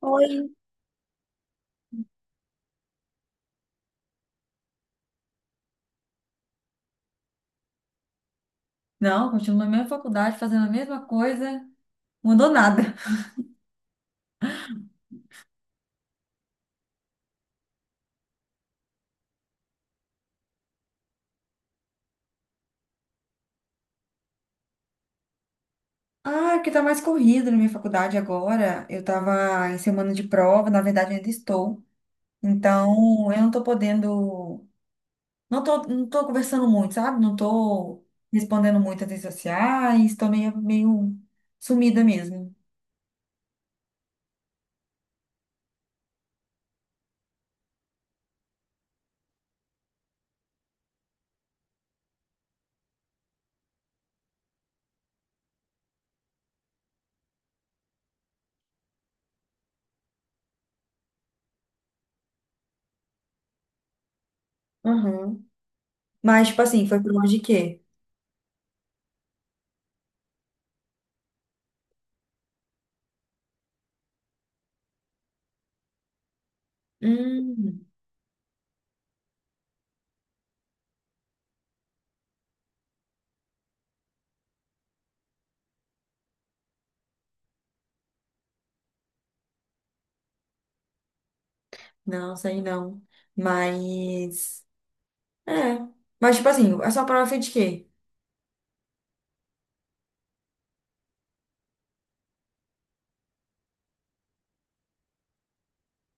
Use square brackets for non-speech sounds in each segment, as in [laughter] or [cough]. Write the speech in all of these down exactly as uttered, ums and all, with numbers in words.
Oi. Não, continuo na mesma faculdade, fazendo a mesma coisa, mudou nada. Ah, porque tá mais corrido na minha faculdade agora. Eu tava em semana de prova, na verdade ainda estou. Então, eu não tô podendo, não tô, não tô conversando muito, sabe? Não tô respondendo muito as redes sociais, tô meio, meio sumida mesmo. Aham. Mas, tipo assim, foi por onde de quê? Hum. Não, sei não. Mas, é. Mas, tipo assim, a sua prova foi de quê?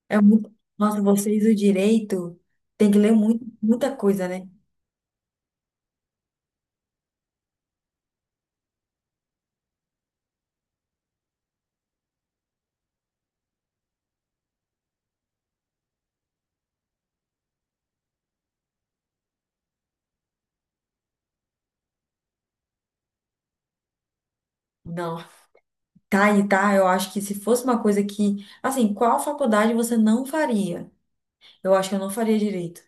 É muito... Nossa, vocês o direito tem que ler muito, muita coisa, né? Não. Tá e tá, eu acho que se fosse uma coisa que, assim, qual faculdade você não faria? Eu acho que eu não faria direito.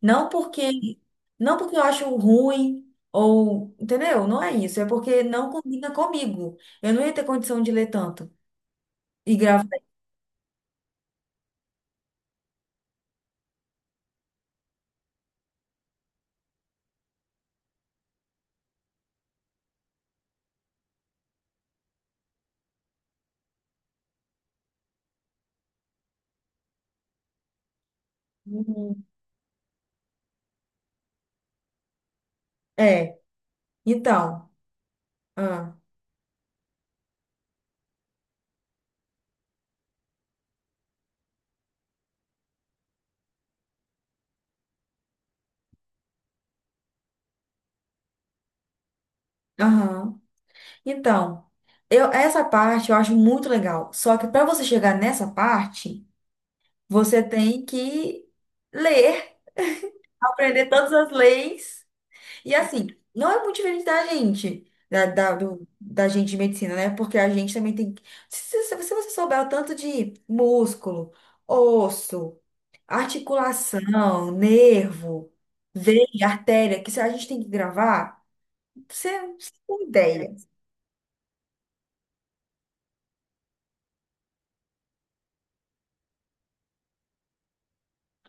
Não porque, não porque eu acho ruim ou, entendeu? Não é isso, é porque não combina comigo. Eu não ia ter condição de ler tanto e gravar. Uhum. É. Então, ah, aham. Então, eu essa parte eu acho muito legal. Só que para você chegar nessa parte, você tem que ler, aprender todas as leis. E assim, não é muito diferente da gente, da, da, do- da gente de medicina, né? Porque a gente também tem. que- Se, se- se você souber o tanto de músculo, osso, articulação, nervo, veia, artéria, que se a gente tem que gravar, você, não tem ideia.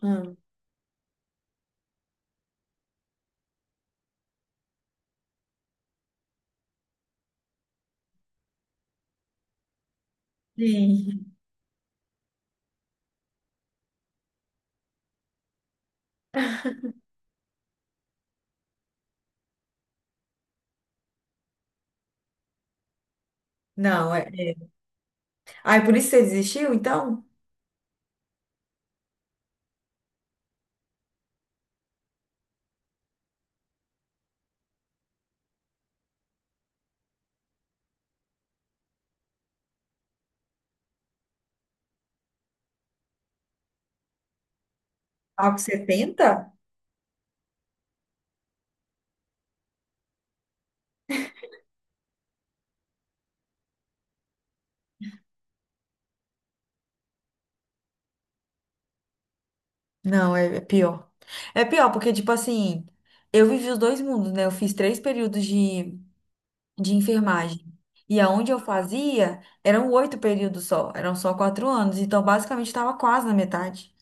Hum. Sim. Não, é. é. Ah, é por isso que você desistiu, então? Algo setenta. Não, é, é pior. É pior, porque, tipo assim, eu vivi os dois mundos, né? Eu fiz três períodos de, de enfermagem. E aonde eu fazia, eram oito períodos só, eram só quatro anos. Então, basicamente, estava quase na metade.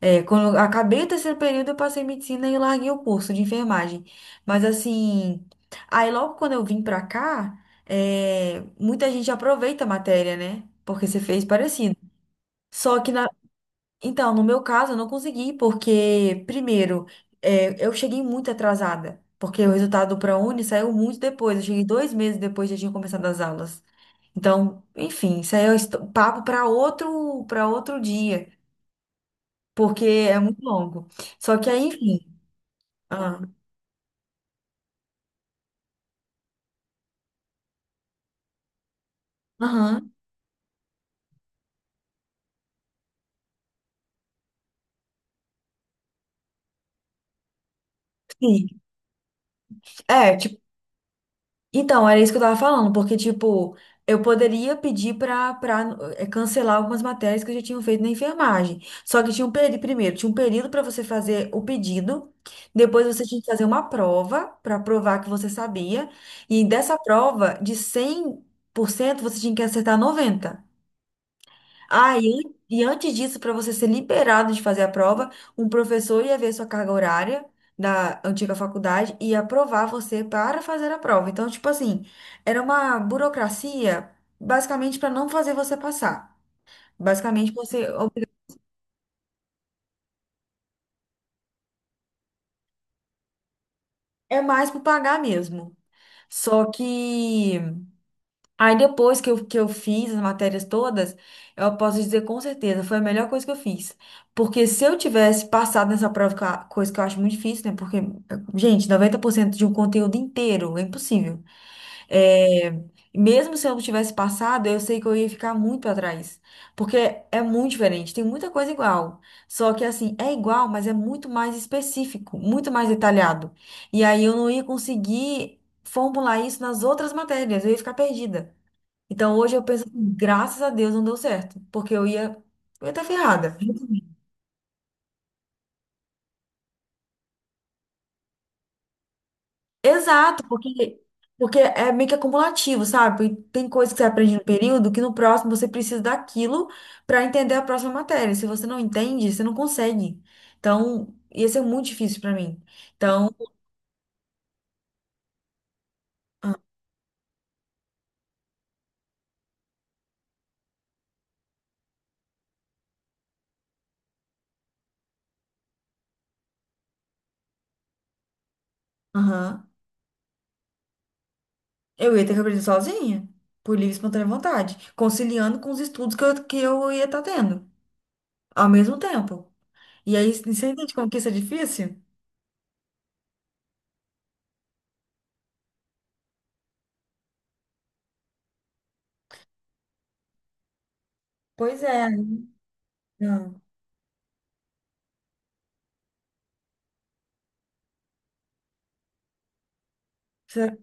É, quando eu acabei o terceiro período, eu passei em medicina e larguei o curso de enfermagem. Mas, assim, aí logo quando eu vim pra cá, é, muita gente aproveita a matéria, né? Porque você fez parecido. Só que, na então, no meu caso, eu não consegui, porque, primeiro, é, eu cheguei muito atrasada, porque o resultado do ProUni saiu muito depois. Eu cheguei dois meses depois já tinha começado as aulas. Então, enfim, isso aí é esto- papo para outro, para outro dia, porque é muito longo. Só que aí, enfim. Ah, aham, sim. É. Então, era isso que eu tava falando, porque, tipo, eu poderia pedir pra, pra eh, cancelar algumas matérias que eu já tinha feito na enfermagem. Só que tinha um período, primeiro, tinha um período para você fazer o pedido, depois você tinha que fazer uma prova para provar que você sabia, e dessa prova, de cem por cento você tinha que acertar noventa. Ah, e, an- e antes disso, para você ser liberado de fazer a prova, um professor ia ver sua carga horária da antiga faculdade e ia aprovar você para fazer a prova. Então, tipo assim, era uma burocracia basicamente para não fazer você passar. Basicamente, você obri- é mais por pagar mesmo. Só que aí depois que eu, que eu fiz as matérias todas, eu posso dizer com certeza, foi a melhor coisa que eu fiz. Porque se eu tivesse passado nessa prova, que a- coisa que eu acho muito difícil, né? Porque, gente, noventa por cento de um conteúdo inteiro é impossível. É, mesmo se eu não tivesse passado, eu sei que eu ia ficar muito para trás. Porque é muito diferente, tem muita coisa igual. Só que, assim, é igual, mas é muito mais específico, muito mais detalhado. E aí eu não ia conseguir formular isso nas outras matérias, eu ia ficar perdida. Então hoje eu penso assim, graças a Deus não deu certo, porque eu ia, eu ia estar ferrada. Exato, porque, porque é meio que acumulativo, sabe? E tem coisa que você aprende no período que no próximo você precisa daquilo para entender a próxima matéria. Se você não entende, você não consegue. Então, ia ser muito difícil para mim. Então, aham, eu ia ter que aprender sozinha, por livre e espontânea vontade, conciliando com os estudos que eu, que eu ia estar tendo ao mesmo tempo. E aí, você entende como que isso é difícil? Pois é. Não. Cê-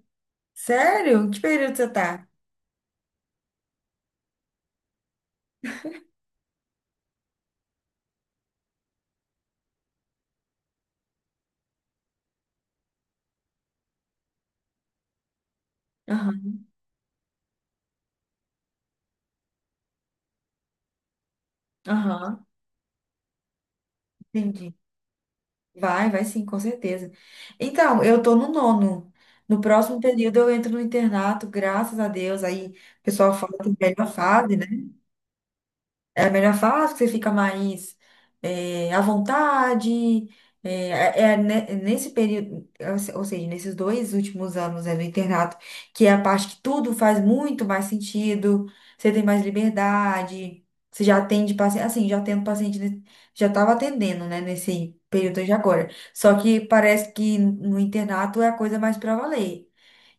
Sério? Que período você tá? Aham, aham. Entendi. Vai, vai sim, com certeza. Então, eu tô no nono. No próximo período eu entro no internato, graças a Deus. Aí o pessoal fala que é a melhor fase, né? É a melhor fase que você fica mais eh, à vontade. eh, É, é ne- nesse período, ou se- ou seja, nesses dois últimos anos né, do internato, que é a parte que tudo faz muito mais sentido, você tem mais liberdade, você já atende paciente, assim, já atendo paciente, ne- já estava atendendo, né, nesse período de agora. Só que parece que no internato é a coisa mais para valer.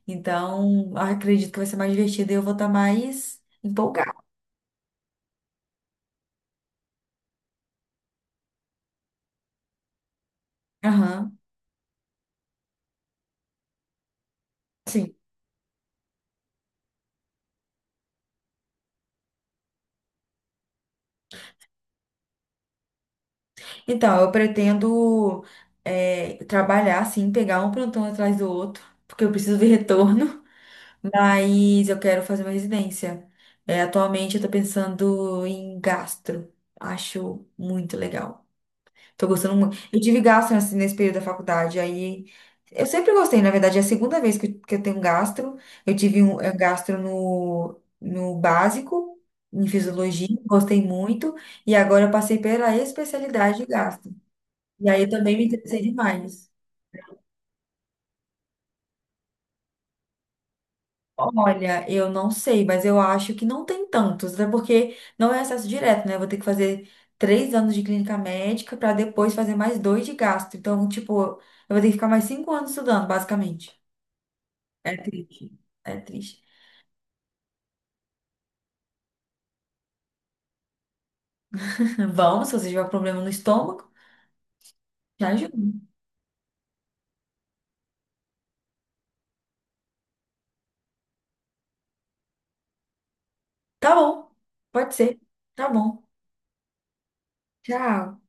Então, acredito que vai ser mais divertido e eu vou estar mais empolgada. Aham. Então, eu pretendo eh, trabalhar, assim, pegar um plantão atrás do outro, porque eu preciso de [laughs] retorno, mas eu quero fazer uma residência. Eh, atualmente eu tô pensando em gastro. Acho muito legal. Tô gostando muito. Eu tive gastro assim, nesse período da faculdade, aí eu sempre gostei, na verdade, é a segunda vez que, que eu tenho gastro. Eu tive um eh, gastro no, no básico, em fisiologia, gostei muito, e agora eu passei pela especialidade de gastro. E aí também me interessei demais. Olha, eu não sei, mas eu acho que não tem tantos, até porque não é acesso direto, né? Eu vou ter que fazer três anos de clínica médica para depois fazer mais dois de gastro. Então, tipo, eu vou ter que ficar mais cinco anos estudando, basicamente. É triste. É triste. [laughs] Vamos, se você tiver um problema no estômago, já ajuda. Tá bom, pode ser. Tá bom. Tchau.